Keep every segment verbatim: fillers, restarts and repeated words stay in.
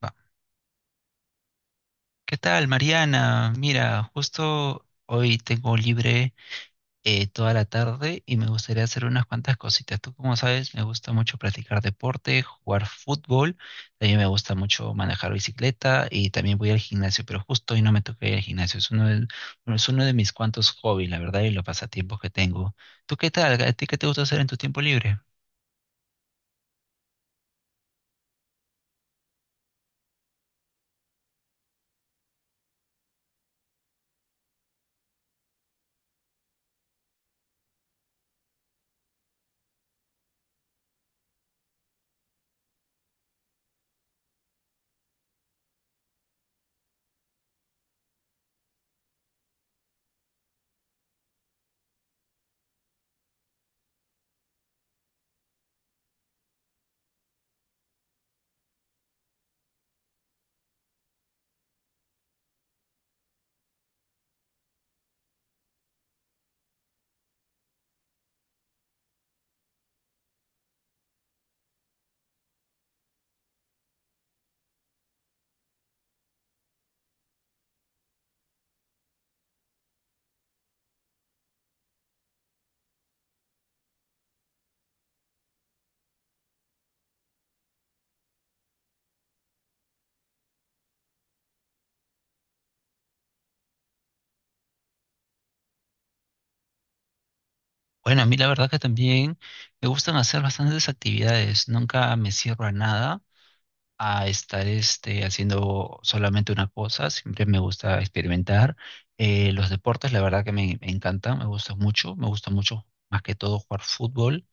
Va. ¿Qué tal, Mariana? Mira, justo hoy tengo libre eh, toda la tarde y me gustaría hacer unas cuantas cositas. Tú, como sabes, me gusta mucho practicar deporte, jugar fútbol, también me gusta mucho manejar bicicleta y también voy al gimnasio, pero justo hoy no me toca ir al gimnasio. Es uno de, bueno, es uno de mis cuantos hobbies, la verdad, y los pasatiempos que tengo. ¿Tú qué tal? ¿A ti qué te gusta hacer en tu tiempo libre? Bueno, a mí la verdad que también me gustan hacer bastantes actividades, nunca me cierro a nada, a estar este, haciendo solamente una cosa. Siempre me gusta experimentar. Eh, los deportes, la verdad que me, me encantan, me gustan mucho. Me gusta mucho, más que todo, jugar fútbol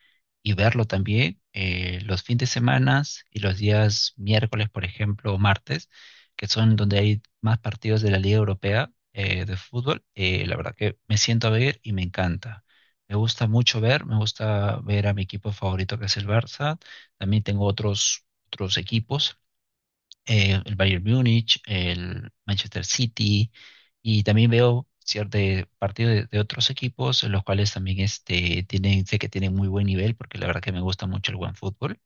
y verlo también. Eh, los fines de semana y los días miércoles, por ejemplo, o martes, que son donde hay más partidos de la Liga Europea eh, de fútbol, eh, la verdad que me siento a ver y me encanta. Me gusta mucho ver, me gusta ver a mi equipo favorito que es el Barça. También tengo otros, otros equipos eh, el Bayern Múnich, el Manchester City, y también veo ciertos partidos de, de otros equipos, los cuales también este, tienen, sé que tienen muy buen nivel, porque la verdad que me gusta mucho el buen fútbol,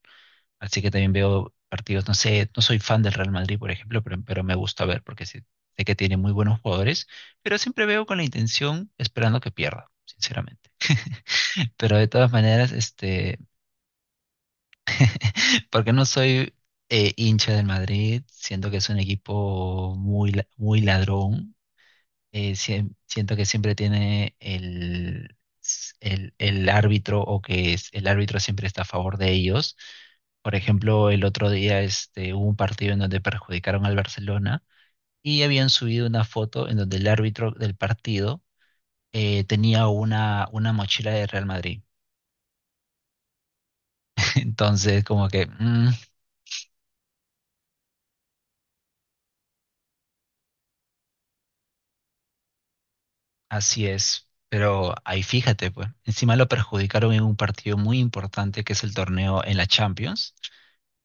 así que también veo partidos, no sé, no soy fan del Real Madrid, por ejemplo, pero, pero me gusta ver, porque sé, sé que tiene muy buenos jugadores, pero siempre veo con la intención, esperando que pierda, sinceramente. Pero de todas maneras, este, Porque no soy eh, hincha del Madrid, siento que es un equipo muy, la- muy ladrón, eh, siem- siento que siempre tiene el, el, el árbitro o que es, el árbitro siempre está a favor de ellos. Por ejemplo, el otro día este, hubo un partido en donde perjudicaron al Barcelona y habían subido una foto en donde el árbitro del partido eh, tenía una, una mochila de Real Madrid. Entonces, como que mm, así es, pero ahí fíjate, pues, encima lo perjudicaron en un partido muy importante que es el torneo en la Champions.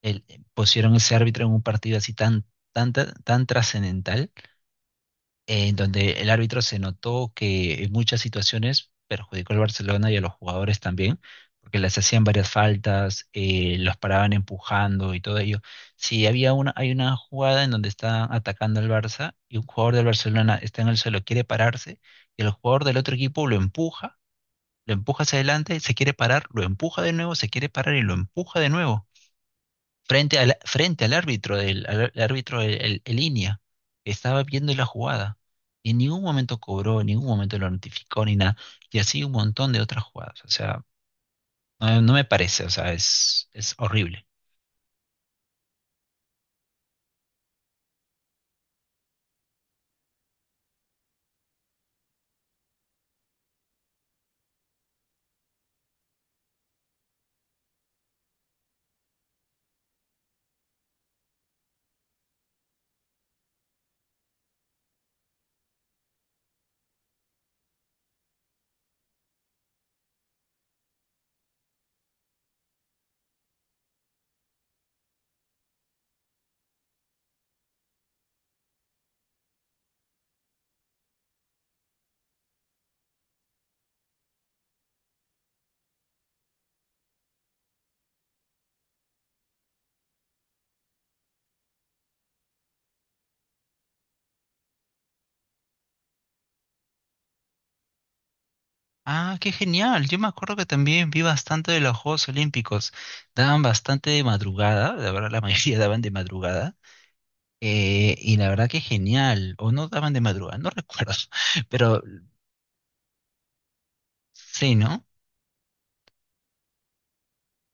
El- eh, pusieron ese árbitro en un partido así tan, tan, tan, tan trascendental en donde el árbitro se notó que en muchas situaciones perjudicó al Barcelona y a los jugadores también, porque les hacían varias faltas, eh, los paraban empujando y todo ello. Si había una, hay una jugada en donde están atacando al Barça y un jugador del Barcelona está en el suelo, quiere pararse, y el jugador del otro equipo lo empuja, lo empuja hacia adelante, se quiere parar, lo empuja de nuevo, se quiere parar y lo empuja de nuevo frente al, frente al árbitro, del, al, árbitro el, el- el línea, que estaba viendo la jugada. Y en ningún momento cobró, en ningún momento lo notificó ni nada. Y así un montón de otras jugadas. O sea, no, no me parece, o sea, es, es horrible. Ah, qué genial. Yo me acuerdo que también vi bastante de los Juegos Olímpicos. Daban bastante de madrugada, la verdad la mayoría daban de madrugada. Eh, y la verdad que genial. O no daban de madrugada, no recuerdo. Pero sí, ¿no?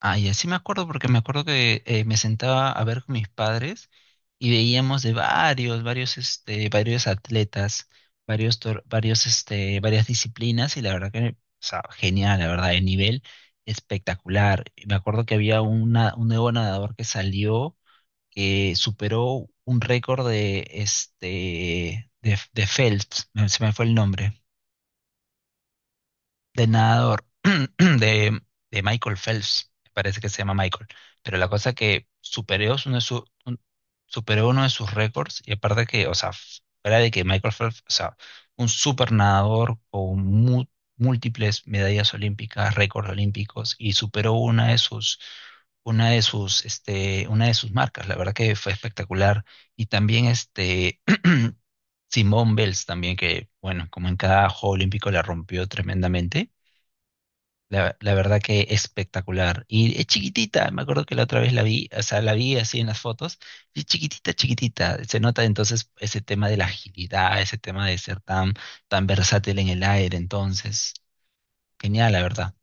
Ah, y así me acuerdo porque me acuerdo que eh, me sentaba a ver con mis padres y veíamos de varios, varios, este, varios atletas, varios, tor- varios, este, varias disciplinas y la verdad que, o sea, genial, la verdad, el nivel espectacular. Y me acuerdo que había una, un nuevo nadador que salió que superó un récord de, este, de, de Phelps, me- se me fue el nombre de nadador de, de Michael Phelps, me parece que se llama Michael, pero la cosa que superó uno de su- un- superó uno de sus récords y aparte que, o sea, fuera de que Michael Phelps, o sea, un super nadador con mu- múltiples medallas olímpicas, récords olímpicos y superó una de sus una de sus este una de sus marcas, la verdad que fue espectacular y también este Simone Bells también que bueno, como en cada juego olímpico la rompió tremendamente la, la verdad que espectacular. Y es chiquitita, me acuerdo que la otra vez la vi, o sea, la vi así en las fotos, y es chiquitita, chiquitita. Se nota entonces ese tema de la agilidad, ese tema de ser tan, tan versátil en el aire, entonces. Genial, la verdad.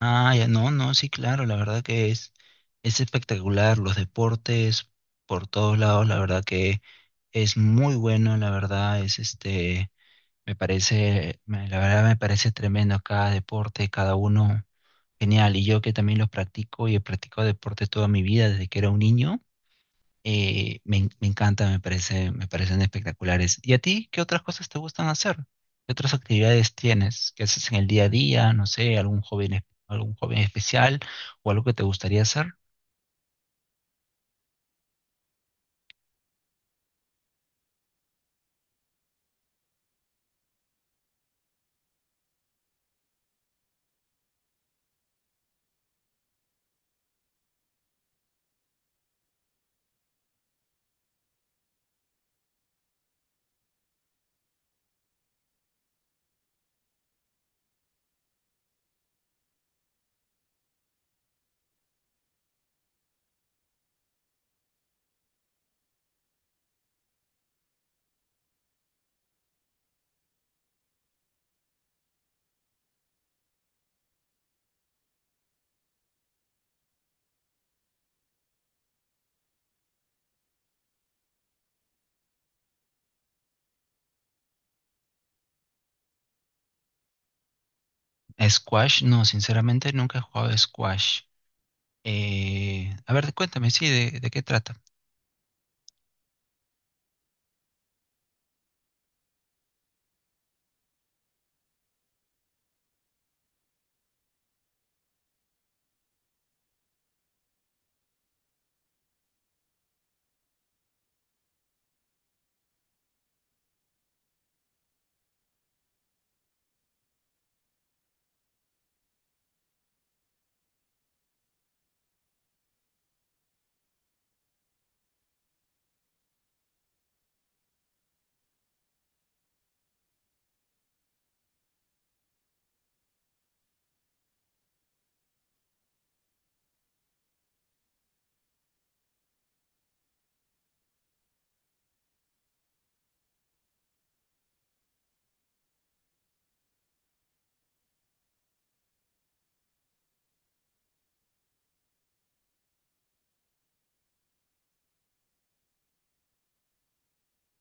Ah, ya, no, no, sí, claro, la verdad que es, es espectacular. Los deportes por todos lados, la verdad que es muy bueno, la verdad, es este, me parece, me- la verdad me parece tremendo cada deporte, cada uno. Genial, y yo que también los practico y he practicado deportes toda mi vida desde que era un niño, eh, me, en- me encanta, me parece, me parecen espectaculares. ¿Y a ti qué otras cosas te gustan hacer? ¿Qué otras actividades tienes? ¿Qué haces en el día a día? No sé, algún joven, es- algún joven especial o algo que te gustaría hacer. Squash, no, sinceramente nunca he jugado squash. Eh, a ver, cuéntame, sí, de, de qué trata.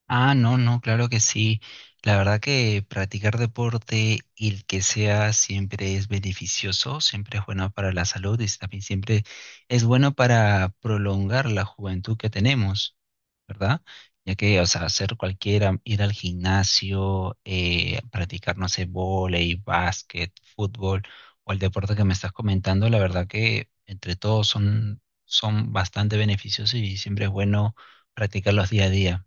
Ah, no, no, claro que sí. La verdad que practicar deporte, y el que sea, siempre es beneficioso, siempre es bueno para la salud y también siempre es bueno para prolongar la juventud que tenemos, ¿verdad? Ya que, o sea, hacer cualquiera, ir al gimnasio, eh, practicar, no sé, vóley, básquet, fútbol o el deporte que me estás comentando, la verdad que entre todos son, son bastante beneficiosos y siempre es bueno practicarlos día a día,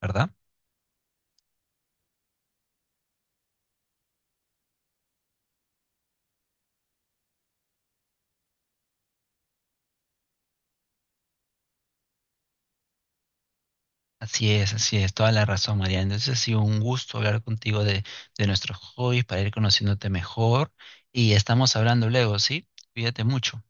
¿verdad? Así es, así es, toda la razón, María. Entonces ha sido un gusto hablar contigo de, de nuestros hobbies para ir conociéndote mejor y estamos hablando luego, ¿sí? Cuídate mucho.